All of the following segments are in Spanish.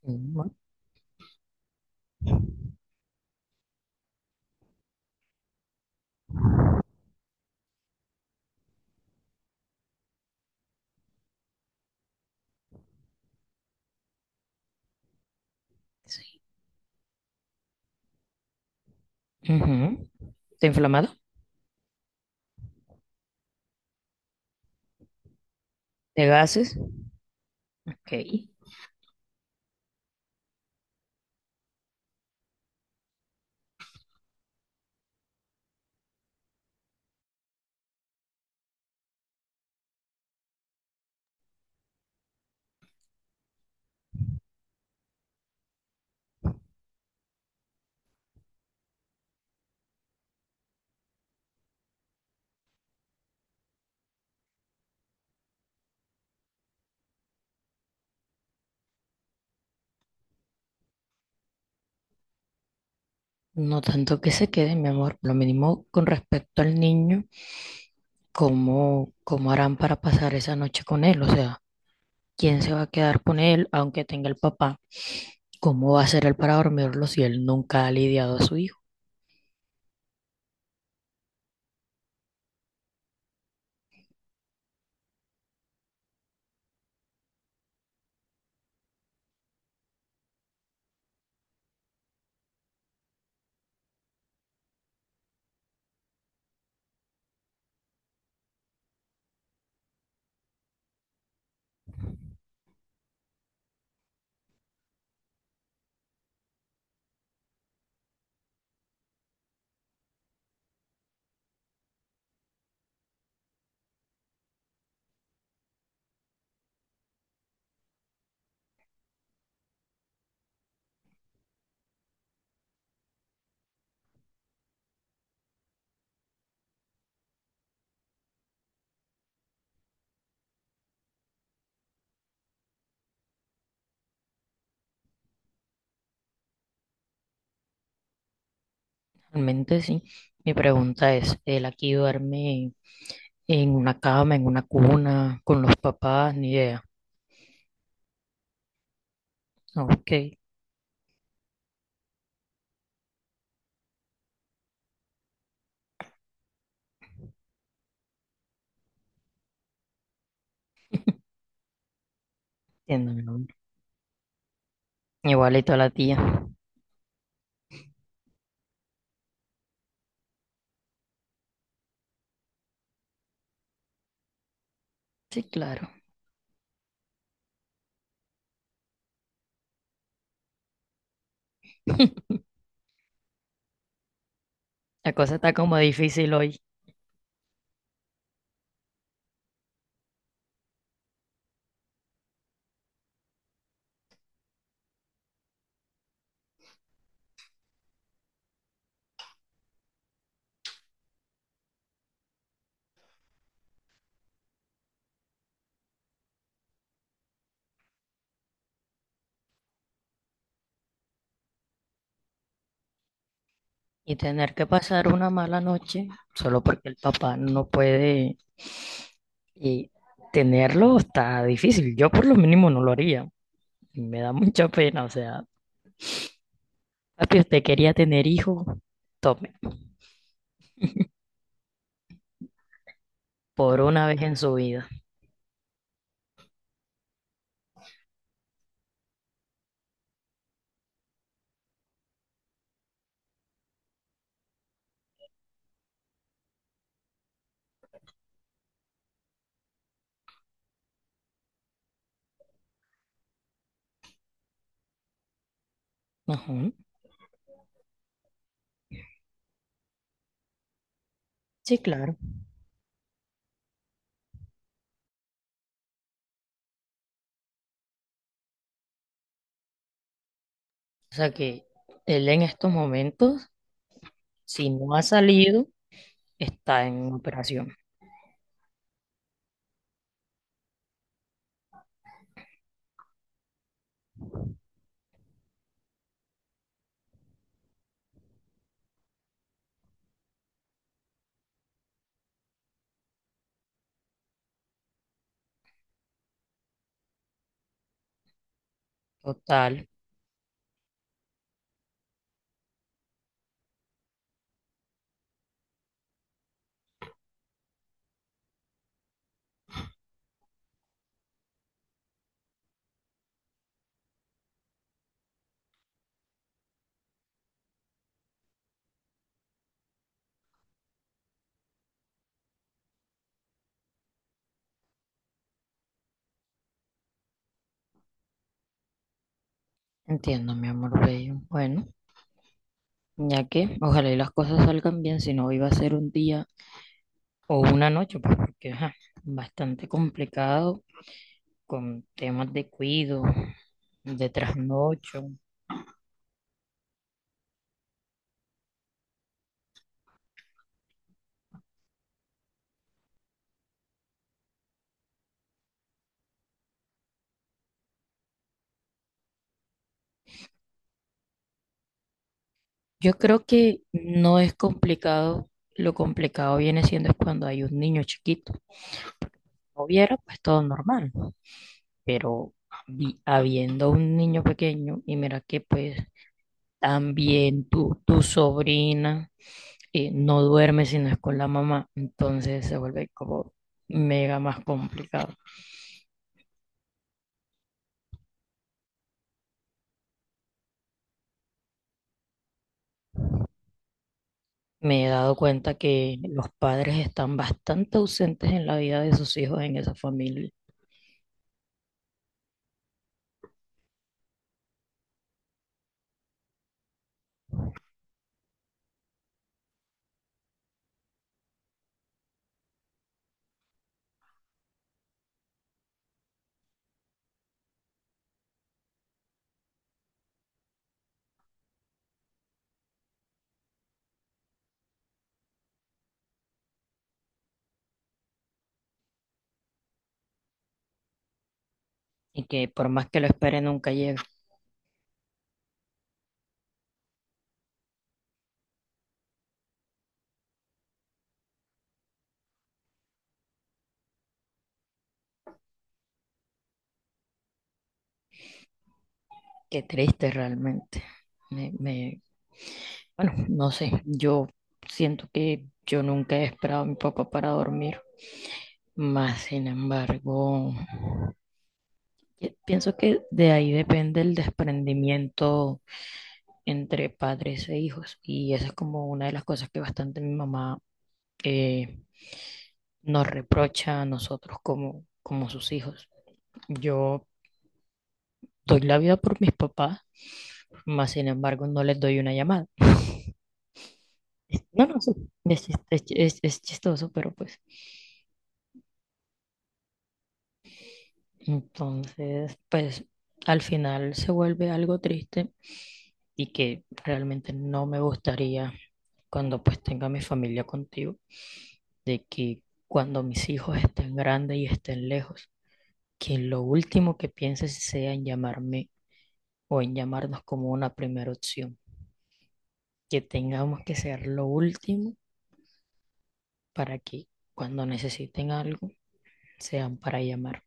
Pulmón, sí. Ujú. ¿Está inflamado? ¿De gases? Ok. No tanto que se quede, mi amor. Lo mínimo con respecto al niño, ¿cómo harán para pasar esa noche con él? O sea, ¿quién se va a quedar con él aunque tenga el papá? ¿Cómo va a ser él para dormirlo si él nunca ha lidiado a su hijo? Realmente sí. Mi pregunta es, ¿él aquí duerme en una cama, en una cuna, con los papás? Ni idea. Ok, entiendo mi amor. Igualito a la tía. Sí, claro. La cosa está como difícil hoy y tener que pasar una mala noche solo porque el papá no puede y tenerlo está difícil. Yo por lo mínimo no lo haría. Me da mucha pena. O sea, papi, usted quería tener hijo, tome, por una vez en su vida. Ujú. Sí, claro. O sea que él en estos momentos, si no ha salido, está en operación. Total. Entiendo, mi amor bello. Bueno, ya que ojalá y las cosas salgan bien, si no iba a ser un día o una noche, pues porque ajá, bastante complicado con temas de cuido, de trasnocho. Yo creo que no es complicado, lo complicado viene siendo es cuando hay un niño chiquito. No hubiera pues todo normal, pero habiendo un niño pequeño y mira que pues también tu sobrina no duerme si no es con la mamá, entonces se vuelve como mega más complicado. Me he dado cuenta que los padres están bastante ausentes en la vida de sus hijos en esa familia y que por más que lo espere nunca llega. Qué triste realmente. Me, me- bueno, no sé, yo siento que yo nunca he esperado a mi papá para dormir, más sin embargo, y pienso que de ahí depende el desprendimiento entre padres e hijos y esa es como una de las cosas que bastante mi mamá eh, nos reprocha a nosotros como sus hijos. Yo doy la vida por mis papás, más sin embargo no les doy una llamada. Es- No, no, Sí, es, es chistoso, pero pues entonces pues al final se vuelve algo triste y que realmente no me gustaría cuando pues tenga mi familia contigo, de que cuando mis hijos estén grandes y estén lejos, que lo último que pienses sea en llamarme o en llamarnos como una primera opción, que tengamos que ser lo último para que cuando necesiten algo sean para llamar.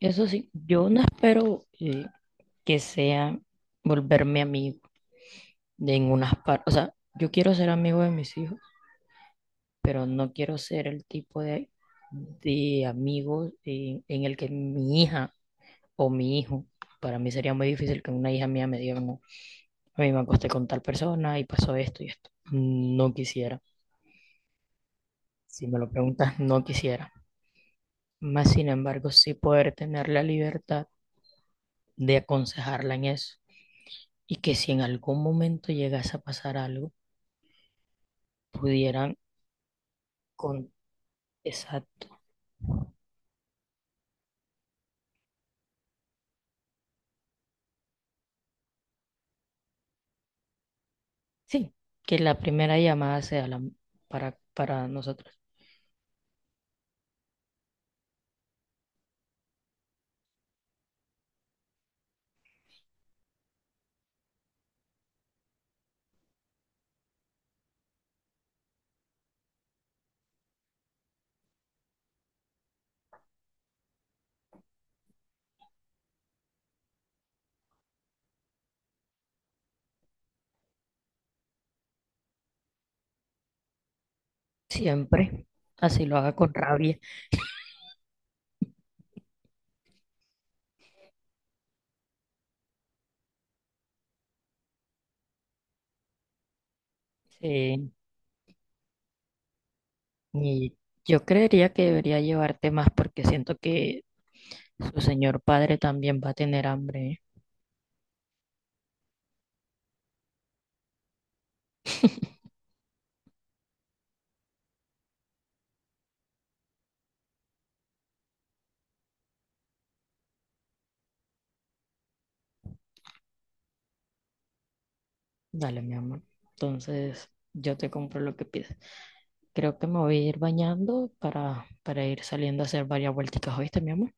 Eso sí, yo no espero que sea volverme amigo de en unas partes, o sea, yo quiero ser amigo de mis hijos pero no quiero ser el tipo de amigo en el que mi hija o mi hijo, para mí sería muy difícil que una hija mía me diga, no, a mí me acosté con tal persona y pasó esto y esto. No quisiera. Si me lo preguntas, no quisiera. Más sin embargo, sí poder tener la libertad de aconsejarla en eso y que si en algún momento llegase a pasar algo, pudieran con exacto. Sí, que la primera llamada sea la para nosotros. Siempre, así lo haga con rabia. Sí, y yo creería que debería llevarte más porque siento que su señor padre también va a tener hambre. ¿Eh? Dale, mi amor. Entonces, yo te compro lo que pides. Creo que me voy a ir bañando para ir saliendo a hacer varias vuelticas, ¿oíste, mi amor?